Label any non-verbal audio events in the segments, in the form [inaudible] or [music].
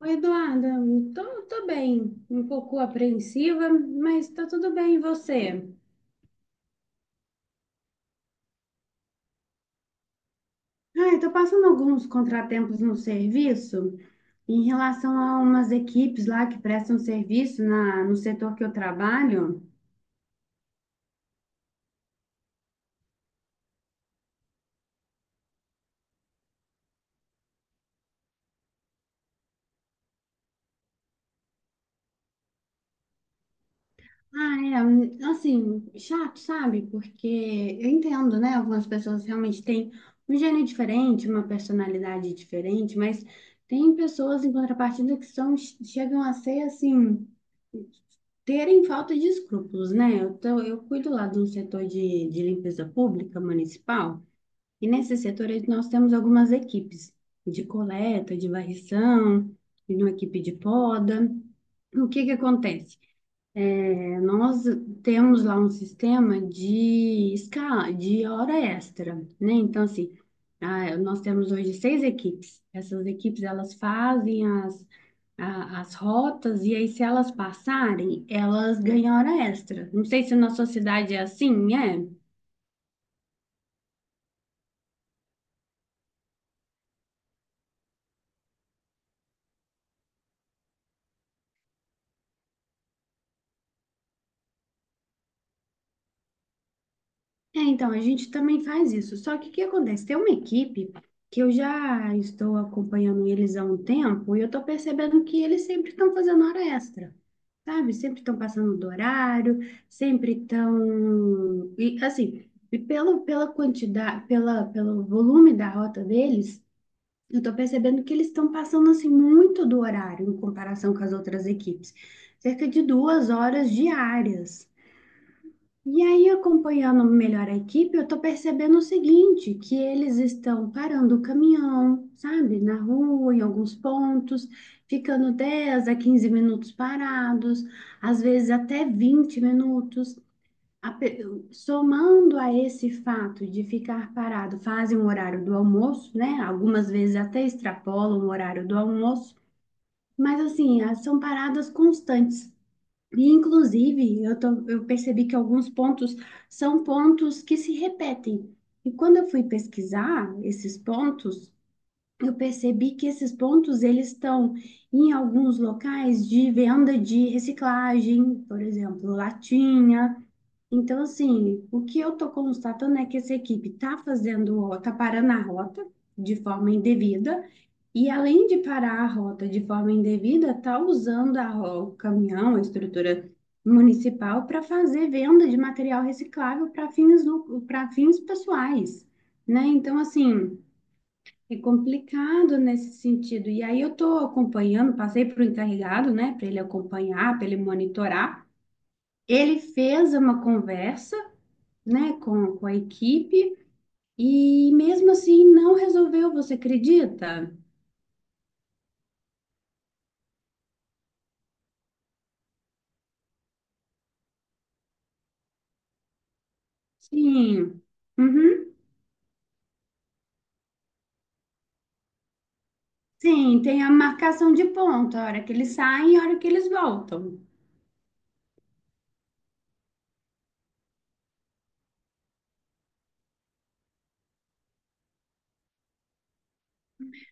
Oi, Eduarda, tô bem, um pouco apreensiva, mas tá tudo bem, e você? Ai, tô passando alguns contratempos no serviço em relação a umas equipes lá que prestam serviço no setor que eu trabalho. Ah, é, assim, chato, sabe? Porque eu entendo, né? Algumas pessoas realmente têm um gênio diferente, uma personalidade diferente, mas tem pessoas em contrapartida que são, chegam a ser assim. Terem falta de escrúpulos, né? Eu cuido lá de um setor de limpeza pública municipal, e nesse setor aí nós temos algumas equipes de coleta, de varrição, e uma equipe de poda. O que que acontece? É, nós temos lá um sistema de escala, de hora extra, né? Então, assim, nós temos hoje seis equipes. Essas equipes, elas fazem as rotas e aí, se elas passarem, elas ganham hora extra. Não sei se na sua cidade é assim, é? É, então, a gente também faz isso. Só que o que acontece? Tem uma equipe que eu já estou acompanhando eles há um tempo e eu estou percebendo que eles sempre estão fazendo hora extra, sabe? Sempre estão passando do horário, sempre estão. E assim, e pela quantidade, pelo volume da rota deles, eu estou percebendo que eles estão passando assim muito do horário em comparação com as outras equipes. Cerca de 2 horas diárias. E aí, acompanhando melhor a equipe, eu tô percebendo o seguinte, que eles estão parando o caminhão, sabe, na rua, em alguns pontos, ficando 10 a 15 minutos parados, às vezes até 20 minutos. A pe- Somando a esse fato de ficar parado, fazem o horário do almoço, né? Algumas vezes até extrapolam o horário do almoço, mas assim, são paradas constantes. E, inclusive, eu percebi que alguns pontos são pontos que se repetem. E quando eu fui pesquisar esses pontos, eu percebi que esses pontos eles estão em alguns locais de venda de reciclagem, por exemplo, latinha. Então, assim, o que eu estou constatando é que essa equipe está fazendo, está parando a rota de forma indevida e além de parar a rota de forma indevida, está usando o caminhão, a estrutura municipal, para fazer venda de material reciclável para fins pessoais, né? Então, assim, é complicado nesse sentido. E aí eu estou acompanhando, passei para o encarregado, né, para ele acompanhar, para ele monitorar. Ele fez uma conversa, né, com a equipe e mesmo assim não resolveu, você acredita? Sim. Uhum. Sim, tem a marcação de ponto, a hora que eles saem e a hora que eles voltam.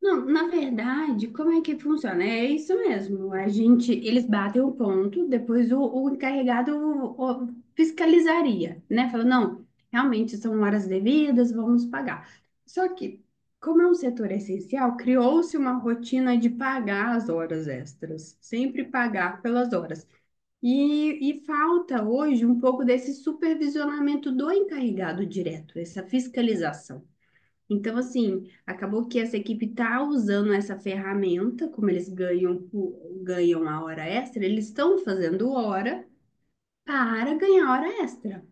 Não, na verdade, como é que funciona? É isso mesmo. A gente, eles batem o ponto, depois o encarregado fiscalizaria, né? Falou, não, realmente são horas devidas, vamos pagar. Só que, como é um setor essencial, criou-se uma rotina de pagar as horas extras, sempre pagar pelas horas. E falta hoje um pouco desse supervisionamento do encarregado direto, essa fiscalização. Então, assim, acabou que essa equipe está usando essa ferramenta, como eles ganham a hora extra, eles estão fazendo hora para ganhar hora extra.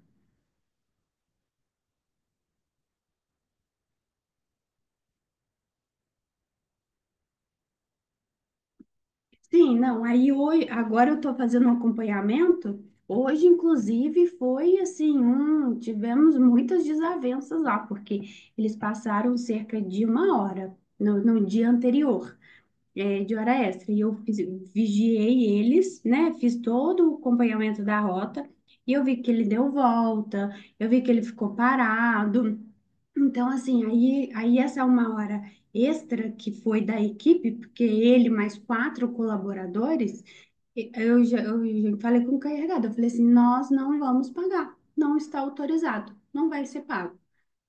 Sim, não, aí hoje, agora eu estou fazendo um acompanhamento. Hoje, inclusive, foi assim, tivemos muitas desavenças lá, porque eles passaram cerca de 1 hora no dia anterior, de hora extra. E eu vigiei eles, né? Fiz todo o acompanhamento da rota, e eu vi que ele deu volta, eu vi que ele ficou parado. Então, assim, aí essa é uma hora extra que foi da equipe, porque ele mais quatro colaboradores, eu já falei com o carregado, eu falei assim, nós não vamos pagar, não está autorizado, não vai ser pago,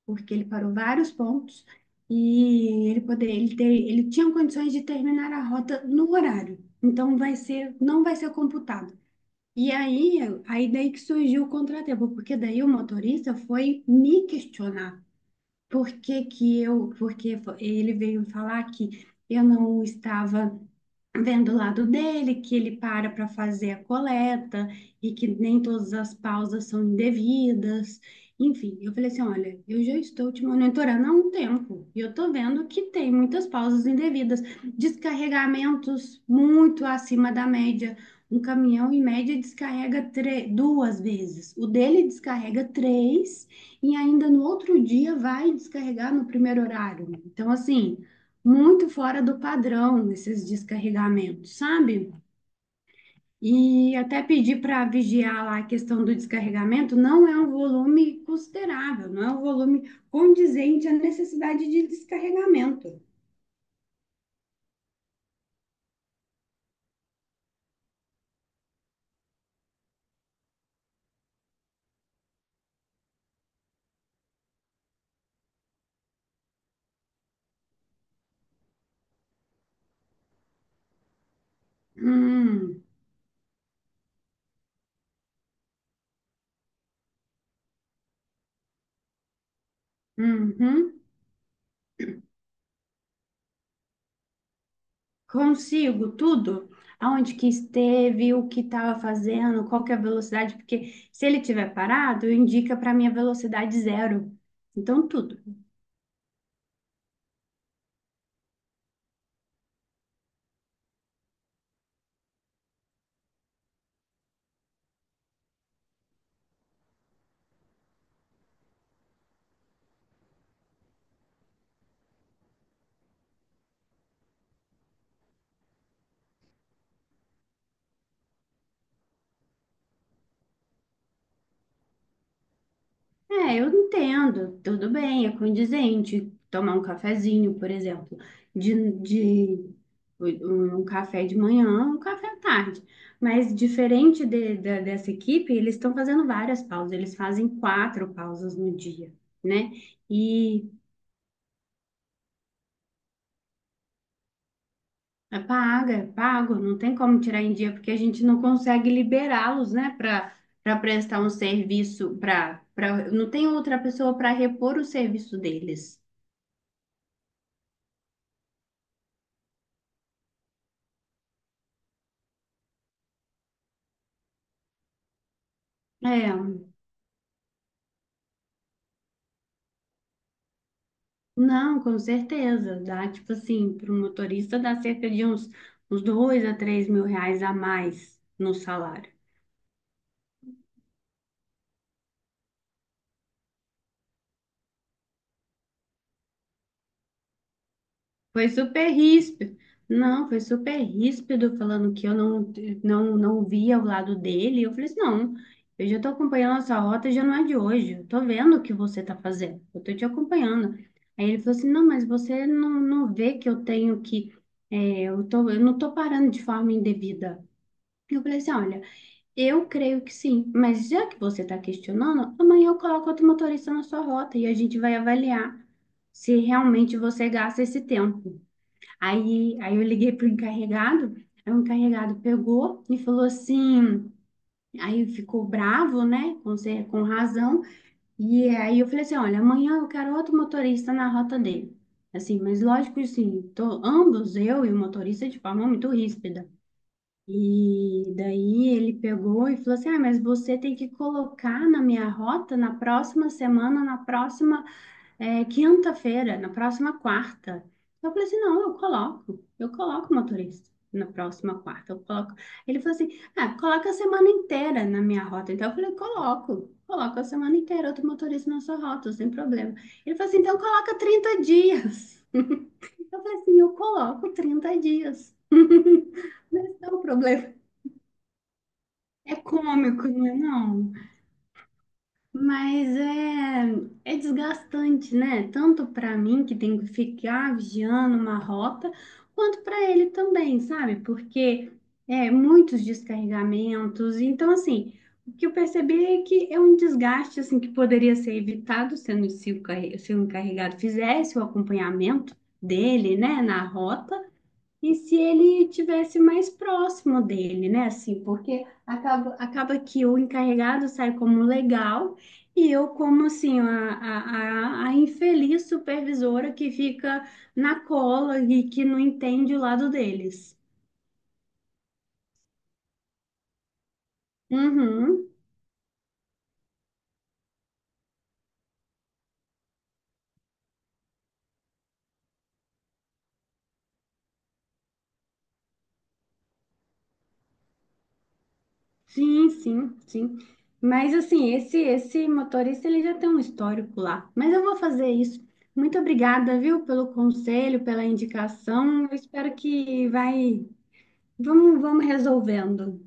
porque ele parou vários pontos e ele tinha condições de terminar a rota no horário, então vai ser, não vai ser computado. E aí daí que surgiu o contratempo, porque daí o motorista foi me questionar. Porque ele veio falar que eu não estava vendo o lado dele, que ele para para fazer a coleta e que nem todas as pausas são indevidas. Enfim, eu falei assim, olha, eu já estou te monitorando há um tempo e eu estou vendo que tem muitas pausas indevidas, descarregamentos muito acima da média. Um caminhão, em média, descarrega duas vezes. O dele descarrega três e ainda no outro dia vai descarregar no primeiro horário. Então, assim, muito fora do padrão esses descarregamentos, sabe? E até pedi para vigiar lá a questão do descarregamento, não é um volume considerável, não é um volume condizente à necessidade de descarregamento. Hum, uhum. Consigo tudo? Aonde que esteve, o que estava fazendo, qual que é a velocidade, porque se ele tiver parado, indica para mim a velocidade zero. Então, tudo. É, eu entendo, tudo bem, é condizente tomar um cafezinho, por exemplo, de, de um café de manhã, um café à tarde. Mas diferente dessa equipe, eles estão fazendo várias pausas, eles fazem quatro pausas no dia, né? E é pago, não tem como tirar em dia, porque a gente não consegue liberá-los, né, para prestar um serviço, para não tem outra pessoa para repor o serviço deles. É. Não, com certeza. Dá, tipo assim, para o motorista dá cerca de uns 2 a 3 mil reais a mais no salário. Foi super ríspido. Não, foi super ríspido falando que eu não via o lado dele. Eu falei assim, não, eu já estou acompanhando essa rota, já não é de hoje. Eu estou vendo o que você está fazendo. Eu estou te acompanhando. Aí ele falou assim, não, mas você não vê que eu tenho que. Eu não estou parando de forma indevida. Eu falei assim, olha. Eu creio que sim, mas já que você está questionando, amanhã eu coloco outro motorista na sua rota e a gente vai avaliar se realmente você gasta esse tempo. Aí eu liguei para o encarregado, aí o encarregado pegou e falou assim, aí ficou bravo, né, com razão, e aí eu falei assim, olha, amanhã eu quero outro motorista na rota dele. Assim, mas lógico, assim, tô, ambos, eu e o motorista, de forma muito ríspida. E daí ele pegou e falou assim: Ah, mas você tem que colocar na minha rota na próxima semana, na próxima quinta-feira, na próxima quarta. Eu falei assim: Não, eu coloco o motorista na próxima quarta, eu coloco. Ele falou assim: Ah, coloca a semana inteira na minha rota. Então eu falei: Coloco, coloco a semana inteira outro motorista na sua rota, sem problema. Ele falou assim: Então coloca 30 dias. [laughs] Eu falei assim: Eu coloco 30 dias, [laughs] não é o problema. É cômico, né? Não, mas é desgastante, né? Tanto para mim, que tenho que ficar vigiando uma rota, quanto para ele também, sabe? Porque é muitos descarregamentos. Então, assim, o que eu percebi é que é um desgaste assim que poderia ser evitado sendo se se o encarregado fizesse o acompanhamento dele, né, na rota. E se ele tivesse mais próximo dele, né? Assim, porque acaba que o encarregado sai como legal e eu como, assim, a infeliz supervisora que fica na cola e que não entende o lado deles. Uhum. Sim, sim, sim. Mas, assim, esse motorista, ele já tem um histórico lá. Mas eu vou fazer isso. Muito obrigada, viu, pelo conselho, pela indicação. Eu espero que vai. Vamos resolvendo.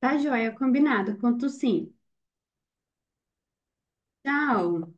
Tá joia, combinado. Conto sim. Tchau.